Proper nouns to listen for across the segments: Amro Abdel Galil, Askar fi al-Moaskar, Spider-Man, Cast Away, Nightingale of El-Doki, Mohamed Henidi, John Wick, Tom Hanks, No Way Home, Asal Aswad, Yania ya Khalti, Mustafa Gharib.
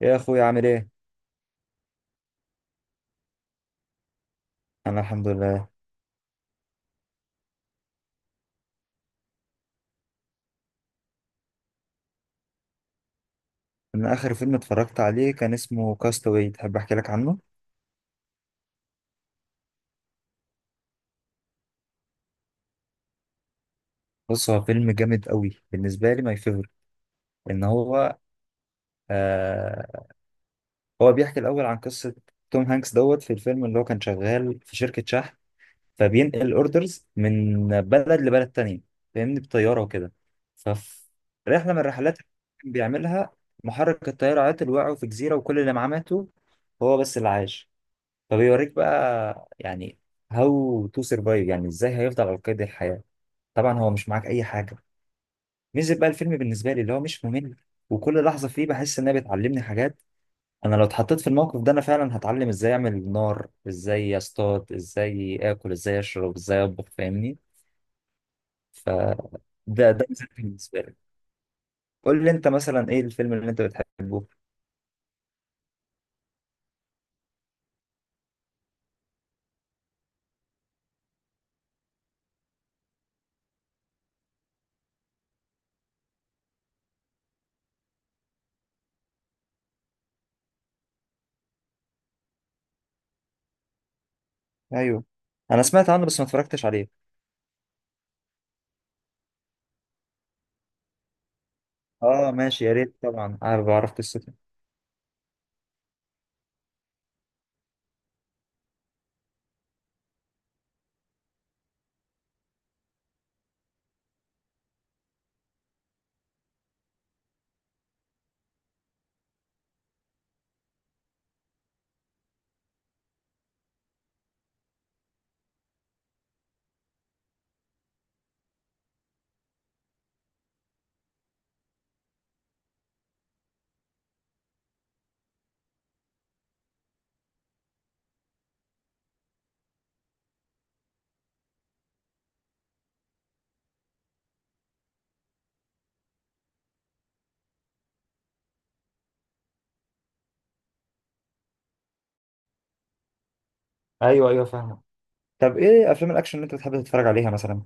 يا اخويا، عامل ايه؟ انا الحمد لله. انا اخر فيلم اتفرجت عليه كان اسمه كاستاوي. تحب احكي لك عنه؟ بص، هو فيلم جامد قوي بالنسبه لي، ماي فيفورت. ان هو آه هو بيحكي الاول عن قصه توم هانكس دوت في الفيلم، اللي هو كان شغال في شركه شحن. فبينقل اوردرز من بلد لبلد تانية، فاهمني، بطياره وكده. ففي رحله من الرحلات اللي كان بيعملها، محرك الطياره عطل، وقعوا في جزيره، وكل اللي معاه ماتوا. هو بس اللي عاش. فبيوريك بقى يعني، هاو تو سرفايف، يعني ازاي هيفضل على قيد الحياة. طبعا هو مش معاك اي حاجة. ميزة بقى الفيلم بالنسبة لي اللي هو مش ممل، وكل لحظة فيه بحس انها بتعلمني حاجات. انا لو اتحطيت في الموقف ده، انا فعلا هتعلم ازاي اعمل نار، ازاي اصطاد، ازاي اكل، ازاي اشرب، ازاي اطبخ، فاهمني. ف ده مثلاً بالنسبة لي. قول لي انت، مثلا ايه الفيلم اللي انت بتحبه؟ ايوه، انا سمعت عنه بس ما اتفرجتش عليه. اه ماشي، يا ريت، طبعا انا بعرف قصته. ايوه، ايوه، فاهم. طب ايه افلام الاكشن اللي انت بتحب تتفرج عليها مثلا؟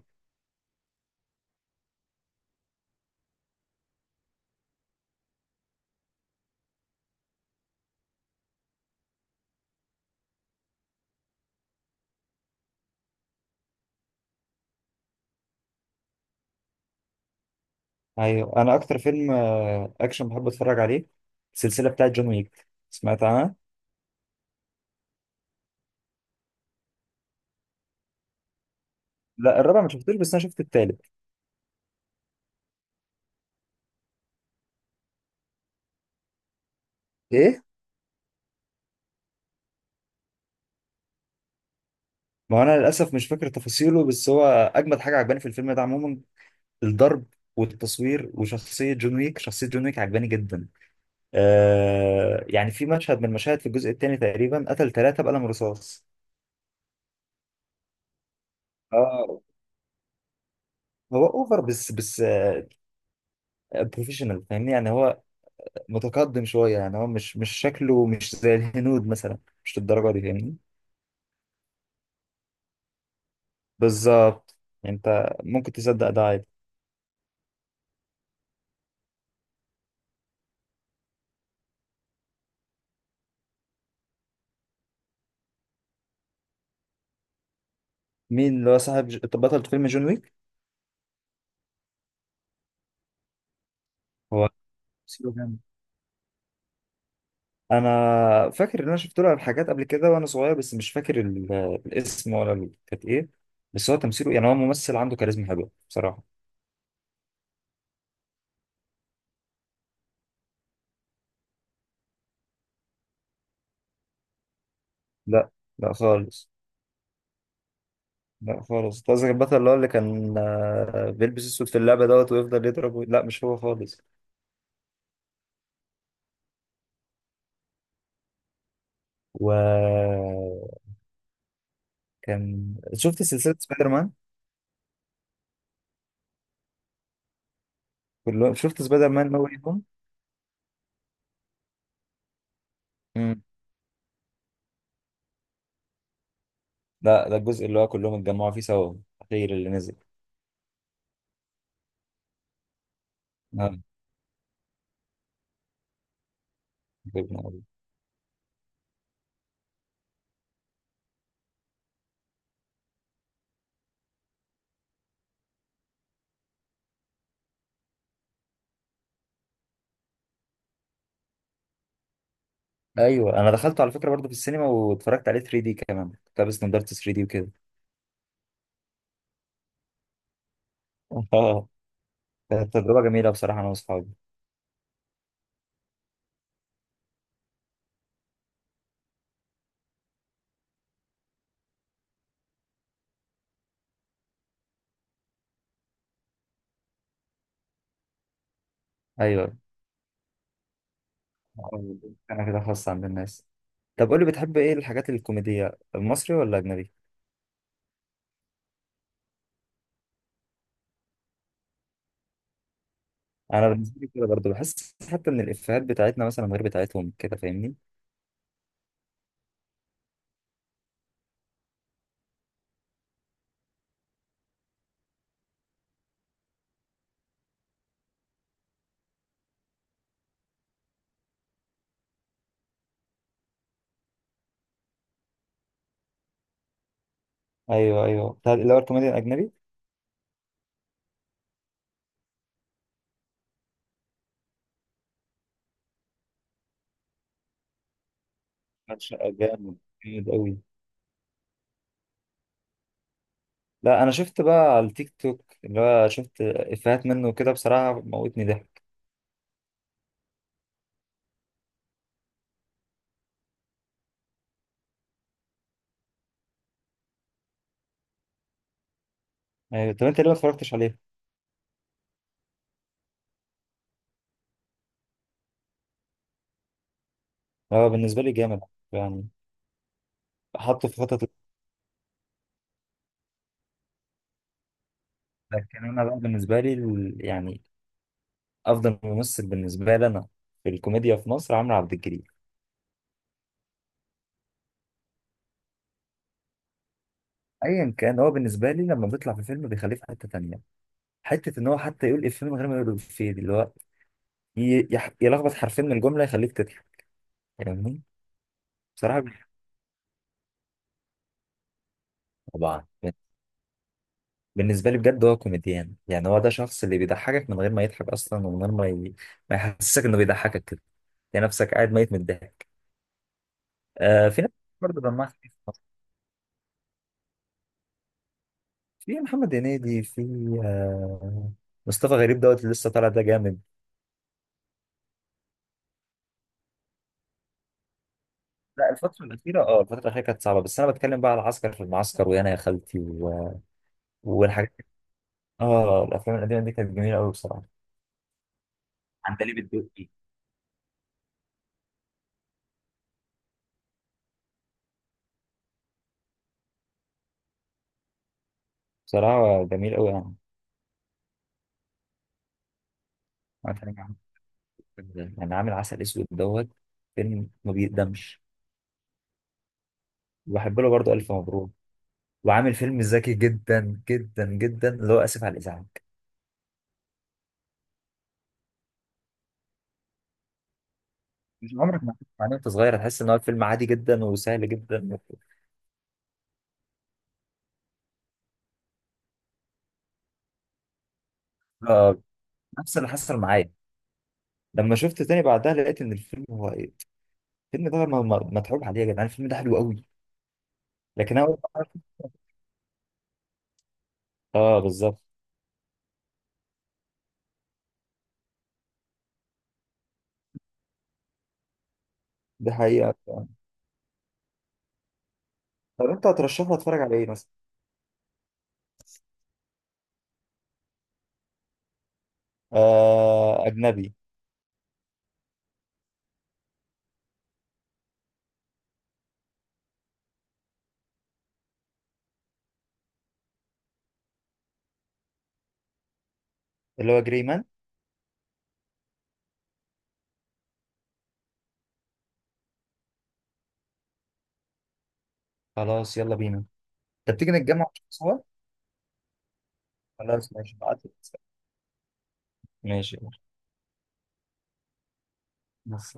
ايوه، انا اكتر فيلم اكشن بحب اتفرج عليه، السلسله بتاعت جون ويك، سمعت عنها؟ لا، الرابع ما شفتوش بس انا شفت التالت. ايه. ما انا للاسف مش فاكر تفاصيله، بس هو اجمد حاجه عجباني في الفيلم ده عموما، الضرب والتصوير وشخصيه جون ويك. شخصيه جون ويك عجباني جدا. آه، يعني في مشهد من المشاهد في الجزء الثاني تقريبا، قتل ثلاثه بقلم رصاص. اه، هو اوفر، بس بروفيشنال، فاهمني، يعني هو متقدم شوية، يعني هو مش شكله مش زي الهنود مثلا، مش للدرجة دي، فاهمني. بالظبط. يعني انت ممكن تصدق ده عادي. مين اللي هو صاحب بطل فيلم جون ويك؟ هو سيبه جامد. انا فاكر ان انا شفت له حاجات قبل كده وانا صغير، بس مش فاكر الاسم ولا كانت ايه. بس هو تمثيله، يعني هو ممثل عنده كاريزما حلوة بصراحة. لا، لا خالص، لا خالص. أنت قصدك البطل اللي هو اللي كان بيلبس اسود في اللعبة دوت، ويفضل يضرب لا، مش هو خالص. و كان شفت سلسلة سبايدر مان؟ كله. شفت سبايدر مان نو واي هوم. امم لا، ده الجزء اللي هو كلهم اتجمعوا فيه سوا، الأخير اللي نزل. آه. جبنا أوي. ايوه، انا دخلته على فكرة برضه في السينما واتفرجت عليه 3 دي كمان، كنت لابس نضارة 3 دي وكده. اه. كانت تجربة جميلة بصراحة، انا واصحابي. ايوه. آه. انا كده، خاصة عند الناس. طب قول لي، بتحب ايه الحاجات الكوميدية، المصري ولا اجنبي؟ انا بالنسبة لي كده برضه بحس حتى ان الافيهات بتاعتنا مثلا غير بتاعتهم كده، فاهمني. ايوه، ايوه، اللي هو الكوميديا الاجنبي. شقة جامد، جامد قوي. لا، انا شفت بقى على التيك توك، اللي هو شفت افيهات منه كده بصراحة، موتني ضحك. أيوة. طب انت ليه ما اتفرجتش عليه؟ هو بالنسبة لي جامد، يعني حطه في خطط. لكن انا بقى بالنسبة لي يعني افضل ممثل بالنسبة لي انا في الكوميديا في مصر عمرو عبد الجليل. ايا كان، هو بالنسبة لي لما بيطلع في فيلم بيخليه في حتة تانية، حتة ان هو حتى يقول افيه من غير ما يقول افيه دي، اللي هو يلخبط حرفين من الجملة، يخليك تضحك. يعني، بصراحة، طبعا. بالنسبة لي بجد هو كوميديان، يعني هو ده شخص اللي بيضحكك من غير ما يضحك أصلا، ومن غير ما ما يحسسك إنه بيضحكك كده. يعني نفسك قاعد ميت من الضحك. آه، في ناس برضه دمها خفيف في مصر، في محمد هنيدي، في آه مصطفى غريب دوت اللي لسه طالع، ده جامد. لا، الفترة الأخيرة كانت صعبة، بس أنا بتكلم بقى على عسكر في المعسكر، ويانا يا خالتي والحاجات دي. اه، الأفلام القديمة دي كانت جميلة أوي بصراحة. عندليب الدقي، بصراحة جميل أوي يعني. يعني عامل عسل أسود دوت، فيلم ما بيقدمش. وبحب له برضه ألف مبروك، وعامل فيلم ذكي جدا جدا جدا، اللي هو آسف على الإزعاج. مش عمرك ما هتفهم عليه وأنت صغير، هتحس إن هو فيلم عادي جدا وسهل جدا. آه، نفس اللي حصل معايا. لما شفت تاني بعدها لقيت إن الفيلم هو إيه، الفيلم ده متعوب عليه يا جدعان، الفيلم ده حلو قوي. لكن أنا أول ما آه، بالظبط. دي حقيقة. طب أنت هترشح لي أتفرج على إيه مثلا؟ آه، أجنبي. اللي هو جري مان. خلاص، يلا بينا. طب تيجي نتجمع سوا. خلاص ماشي، بعتلي. ماشي. بس.